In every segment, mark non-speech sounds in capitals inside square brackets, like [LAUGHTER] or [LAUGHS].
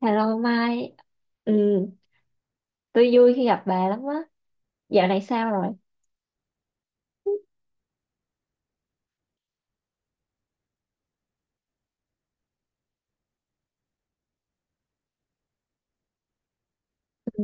Hello Mai, ừ, tôi vui khi gặp bà lắm á. Dạo này sao rồi? Ừ.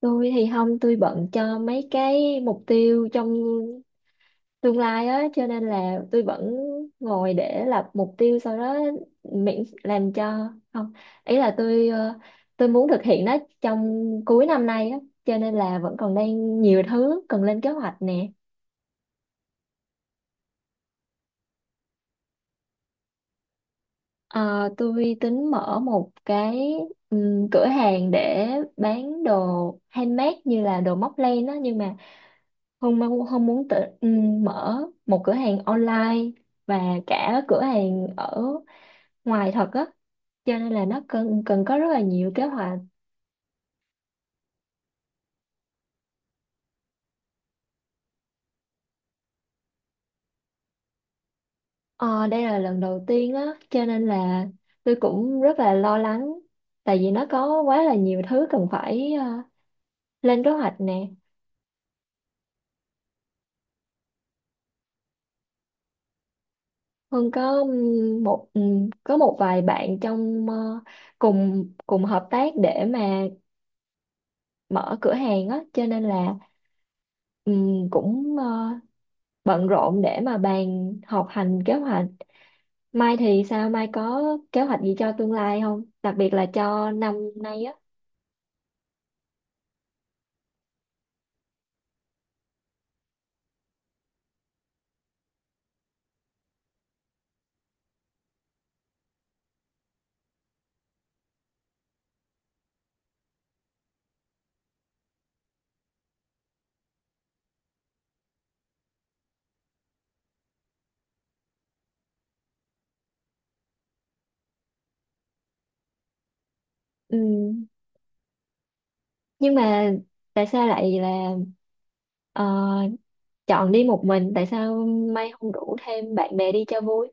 Tôi thì không, tôi bận cho mấy cái mục tiêu trong tương lai á, cho nên là tôi vẫn ngồi để lập mục tiêu sau đó miễn làm cho không. Ý là tôi muốn thực hiện nó trong cuối năm nay á, cho nên là vẫn còn đang nhiều thứ cần lên kế hoạch nè. Ờ, tôi tính mở một cái cửa hàng để bán đồ handmade như là đồ móc len đó, nhưng mà không muốn tự mở một cửa hàng online và cả cửa hàng ở ngoài thật á, cho nên là nó cần cần có rất là nhiều kế hoạch. Ờ, Đây là lần đầu tiên á, cho nên là tôi cũng rất là lo lắng, tại vì nó có quá là nhiều thứ cần phải lên kế hoạch nè. Hương có một có một vài bạn cùng cùng hợp tác để mà mở cửa hàng á, cho nên là cũng bận rộn để mà bàn họp hành kế hoạch. Mai thì sao? Mai có kế hoạch gì cho tương lai không? Đặc biệt là cho năm nay á. Ừm, Nhưng mà tại sao lại là ờ, chọn đi một mình? Tại sao Mai không rủ thêm bạn bè đi cho vui?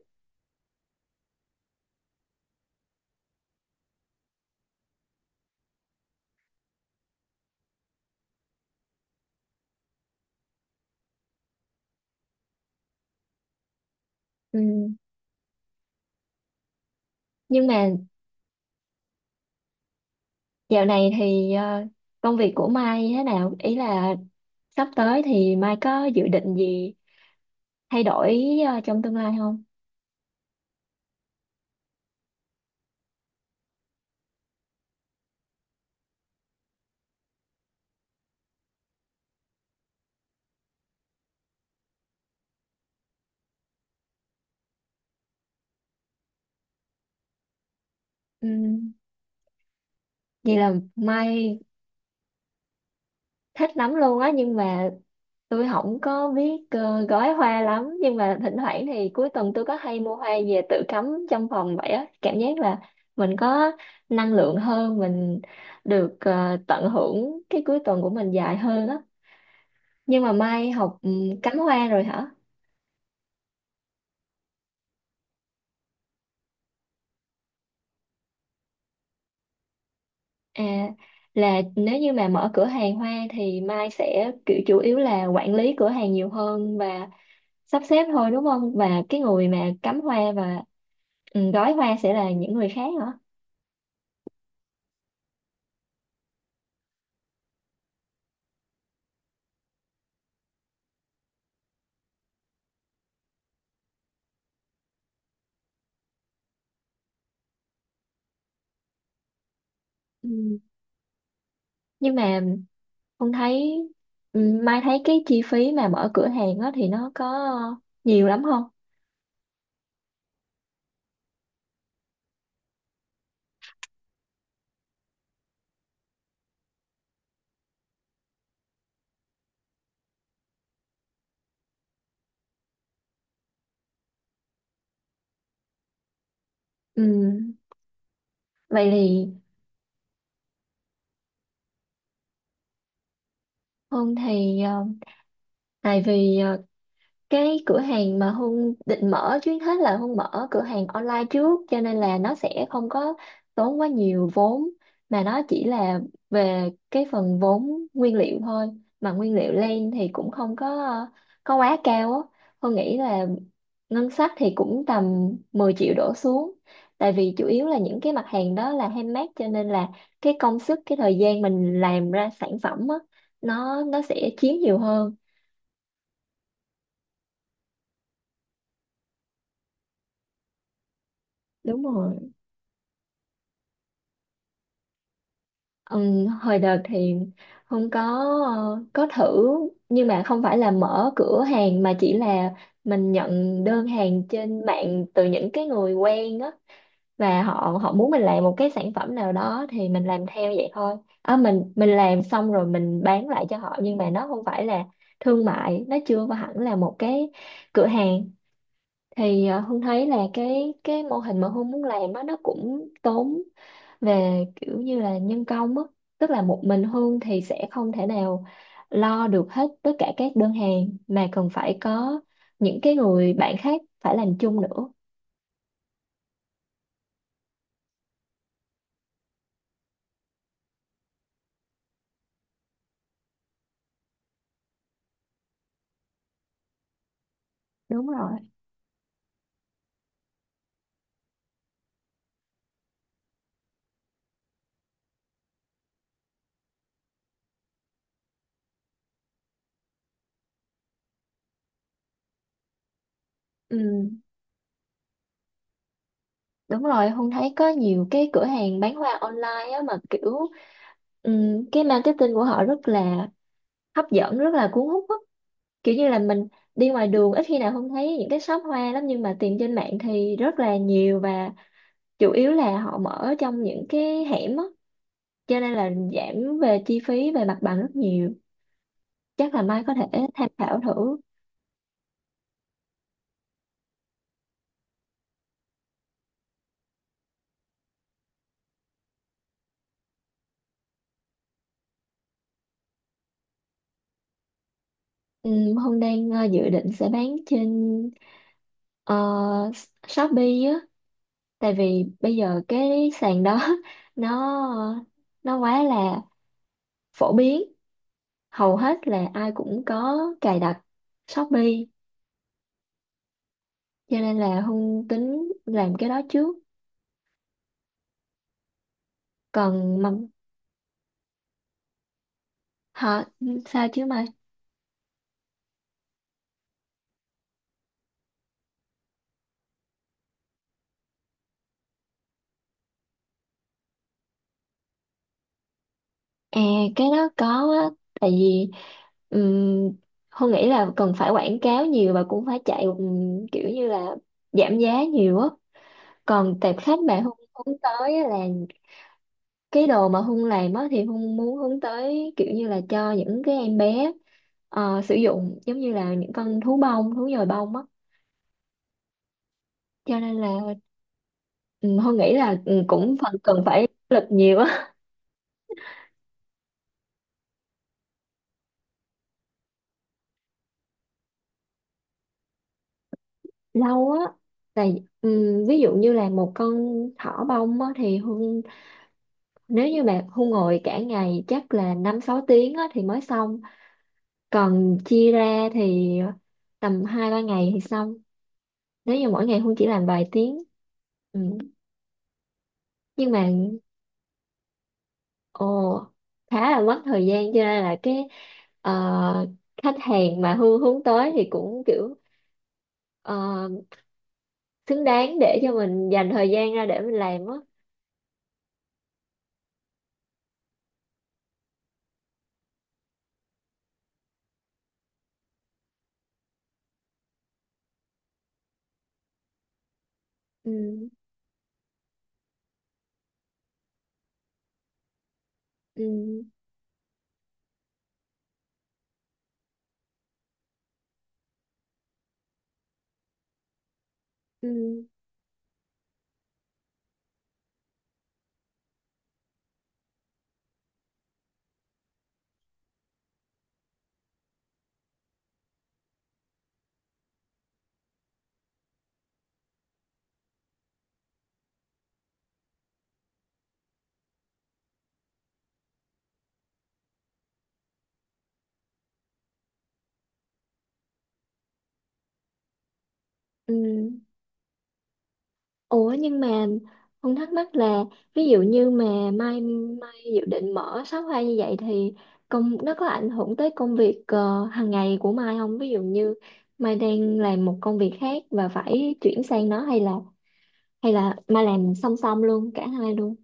Ừm, Nhưng mà dạo này thì công việc của Mai thế nào? Ý là sắp tới thì Mai có dự định gì thay đổi trong tương lai không? Ừm, Vậy là Mai thích lắm luôn á, nhưng mà tôi không có biết gói hoa lắm, nhưng mà thỉnh thoảng thì cuối tuần tôi có hay mua hoa về tự cắm trong phòng vậy á, cảm giác là mình có năng lượng hơn, mình được tận hưởng cái cuối tuần của mình dài hơn á. Nhưng mà Mai học cắm hoa rồi hả? À, là nếu như mà mở cửa hàng hoa thì Mai sẽ kiểu chủ yếu là quản lý cửa hàng nhiều hơn và sắp xếp thôi, đúng không? Và cái người mà cắm hoa và gói hoa sẽ là những người khác hả? Ừ. Nhưng mà không thấy, Mai thấy cái chi phí mà mở cửa hàng đó thì nó có nhiều lắm không? Ừ. Vậy thì không, tại vì cái cửa hàng mà Hương định mở, trước hết là Hương mở cửa hàng online trước, cho nên là nó sẽ không có tốn quá nhiều vốn, mà nó chỉ là về cái phần vốn nguyên liệu thôi, mà nguyên liệu lên thì cũng không có quá cao á. Hương nghĩ là ngân sách thì cũng tầm 10 triệu đổ xuống, tại vì chủ yếu là những cái mặt hàng đó là handmade, cho nên là cái công sức, cái thời gian mình làm ra sản phẩm á, nó sẽ chiếm nhiều hơn. Đúng rồi. Hồi đợt thì không có, có thử nhưng mà không phải là mở cửa hàng, mà chỉ là mình nhận đơn hàng trên mạng từ những cái người quen á, và họ họ muốn mình làm một cái sản phẩm nào đó thì mình làm theo vậy thôi. À, mình làm xong rồi mình bán lại cho họ, nhưng mà nó không phải là thương mại, nó chưa có hẳn là một cái cửa hàng. Hương thấy là cái mô hình mà Hương muốn làm á, nó cũng tốn về kiểu như là nhân công á, tức là một mình Hương thì sẽ không thể nào lo được hết tất cả các đơn hàng, mà cần phải có những cái người bạn khác phải làm chung nữa. Đúng rồi. ừ, Đúng rồi. Hương thấy có nhiều cái cửa hàng bán hoa online á, mà kiểu ừ, cái marketing của họ rất là hấp dẫn, rất là cuốn hút á. Kiểu như là mình đi ngoài đường ít khi nào Hương thấy những cái shop hoa lắm, nhưng mà tìm trên mạng thì rất là nhiều, và chủ yếu là họ mở trong những cái hẻm á, cho nên là giảm về chi phí về mặt bằng rất nhiều. Chắc là Mai có thể tham khảo thử. Hương đang dự định sẽ bán trên ờ, Shopee á, tại vì bây giờ cái sàn đó [LAUGHS] nó nó quá là phổ biến, hầu hết là ai cũng có cài đặt Shopee, cho nên là Hương tính làm cái đó trước. Còn mà hả, sao chứ mà. À, cái đó có á, tại vì um, Hương nghĩ là cần phải quảng cáo nhiều, và cũng phải chạy kiểu như là giảm giá nhiều á. Còn tệp khách mà Hương hướng tới á, là cái đồ mà Hương làm á, thì Hương muốn hướng tới kiểu như là cho những cái em bé sử dụng, giống như là những con thú bông, thú nhồi bông á. Cho nên là Hương nghĩ là cũng phần cần phải lực nhiều á. [LAUGHS] Lâu á. Tại ví dụ như là một con thỏ bông á thì Hương, nếu như bạn thu ngồi cả ngày chắc là năm sáu tiếng á, thì mới xong. Còn chia ra thì tầm hai ba ngày thì xong. Nếu như mỗi ngày Hương chỉ làm vài tiếng. Ừ. Nhưng mà ồ, khá là mất thời gian, cho nên là cái ờ, khách hàng mà Hương hướng tới thì cũng kiểu ờ, xứng đáng để cho mình dành thời gian ra để mình làm á. Ừ. Ừ. Ừ. Ừ. Ủa nhưng mà Hùng thắc mắc là ví dụ như mà mai mai dự định mở shop hoa như vậy thì công nó có ảnh hưởng tới công việc hàng ngày của Mai không? Ví dụ như Mai đang làm một công việc khác và phải chuyển sang nó, hay là Mai làm song song luôn cả hai luôn.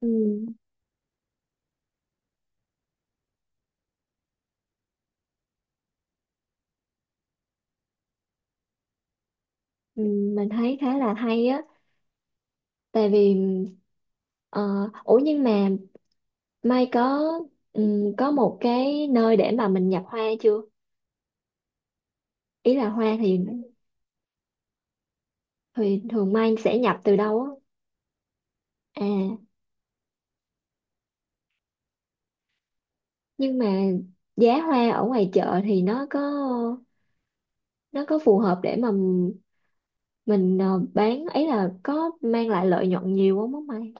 Ừ, ừ, mình thấy khá là hay á, tại vì ờ, ủa nhưng mà Mai có có một cái nơi để mà mình nhập hoa chưa? Ý là hoa thì thường mai sẽ nhập từ đâu á. À, nhưng mà giá hoa ở ngoài chợ thì nó có, nó phù hợp để mà mình bán ấy, là có mang lại lợi nhuận nhiều không á mày?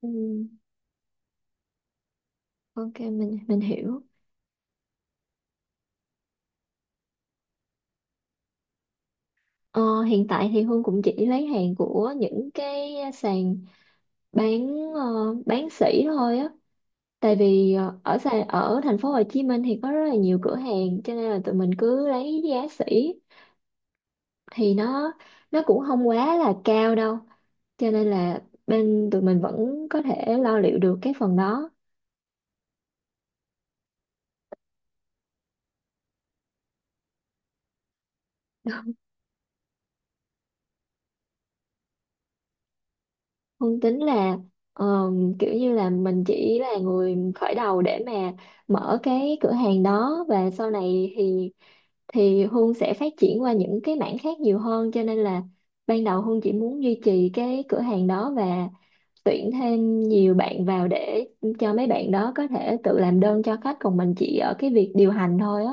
Ừ, ok, mình hiểu. Ờ, Hiện tại thì Hương cũng chỉ lấy hàng của những cái sàn bán, bán sỉ thôi á, tại vì ở sàn ở thành phố Hồ Chí Minh thì có rất là nhiều cửa hàng, cho nên là tụi mình cứ lấy giá sỉ thì nó cũng không quá là cao đâu, cho nên là bên tụi mình vẫn có thể lo liệu được cái phần đó. Không, tính là ờ, kiểu như là mình chỉ là người khởi đầu để mà mở cái cửa hàng đó, và sau này thì Hương sẽ phát triển qua những cái mảng khác nhiều hơn, cho nên là ban đầu Hương chỉ muốn duy trì cái cửa hàng đó và tuyển thêm nhiều bạn vào để cho mấy bạn đó có thể tự làm đơn cho khách, còn mình chỉ ở cái việc điều hành thôi á.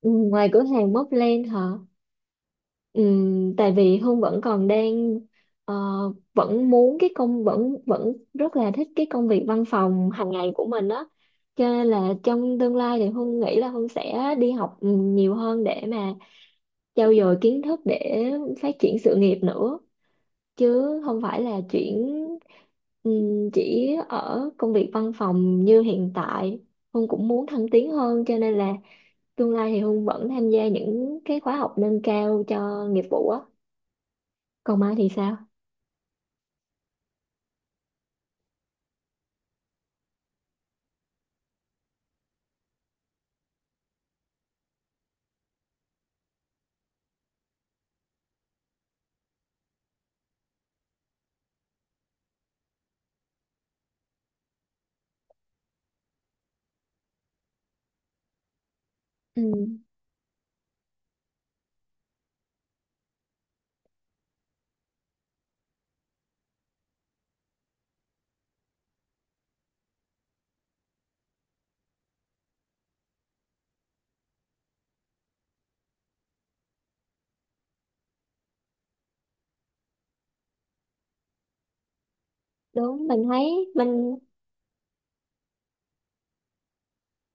Ừ, ngoài cửa hàng Mobland hả? Ừ, tại vì Hương vẫn còn đang ờ, vẫn muốn cái công vẫn vẫn rất là thích cái công việc văn phòng hàng ngày của mình á. Cho nên là trong tương lai thì Hương nghĩ là Hương sẽ đi học nhiều hơn để mà trau dồi kiến thức để phát triển sự nghiệp nữa, chứ không phải là chuyển, ừ, chỉ ở công việc văn phòng như hiện tại. Hương cũng muốn thăng tiến hơn, cho nên là tương lai thì Hương vẫn tham gia những cái khóa học nâng cao cho nghiệp vụ á. Còn Mai thì sao? Ừ. Đúng, mình thấy mình,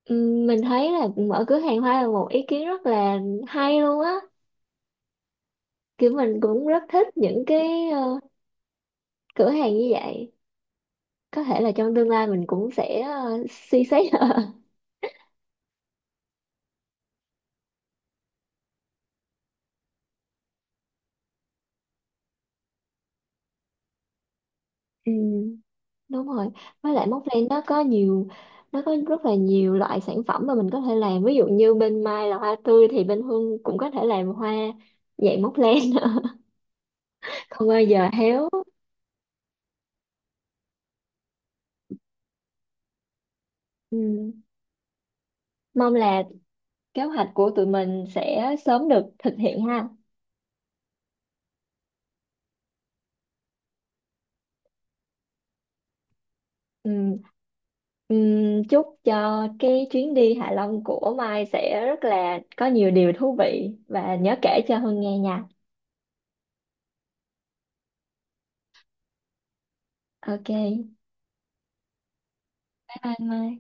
mình thấy là mở cửa hàng hoa là một ý kiến rất là hay luôn á. Kiểu mình cũng rất thích những cái cửa hàng như vậy, có thể là trong tương lai mình cũng sẽ suy xét. [LAUGHS] Ừ. Đúng rồi, với lại Móc, nó có nhiều, nó có rất là nhiều loại sản phẩm mà mình có thể làm, ví dụ như bên Mai là hoa tươi thì bên Hương cũng có thể làm hoa dạng móc len, không bao giờ héo. Ừ. Mong là kế hoạch của tụi mình sẽ sớm được thực hiện ha. Ừ. Ừ. Chúc cho cái chuyến đi Hạ Long của Mai sẽ rất là có nhiều điều thú vị, và nhớ kể cho Hương nghe nha. Ok, bye bye Mai.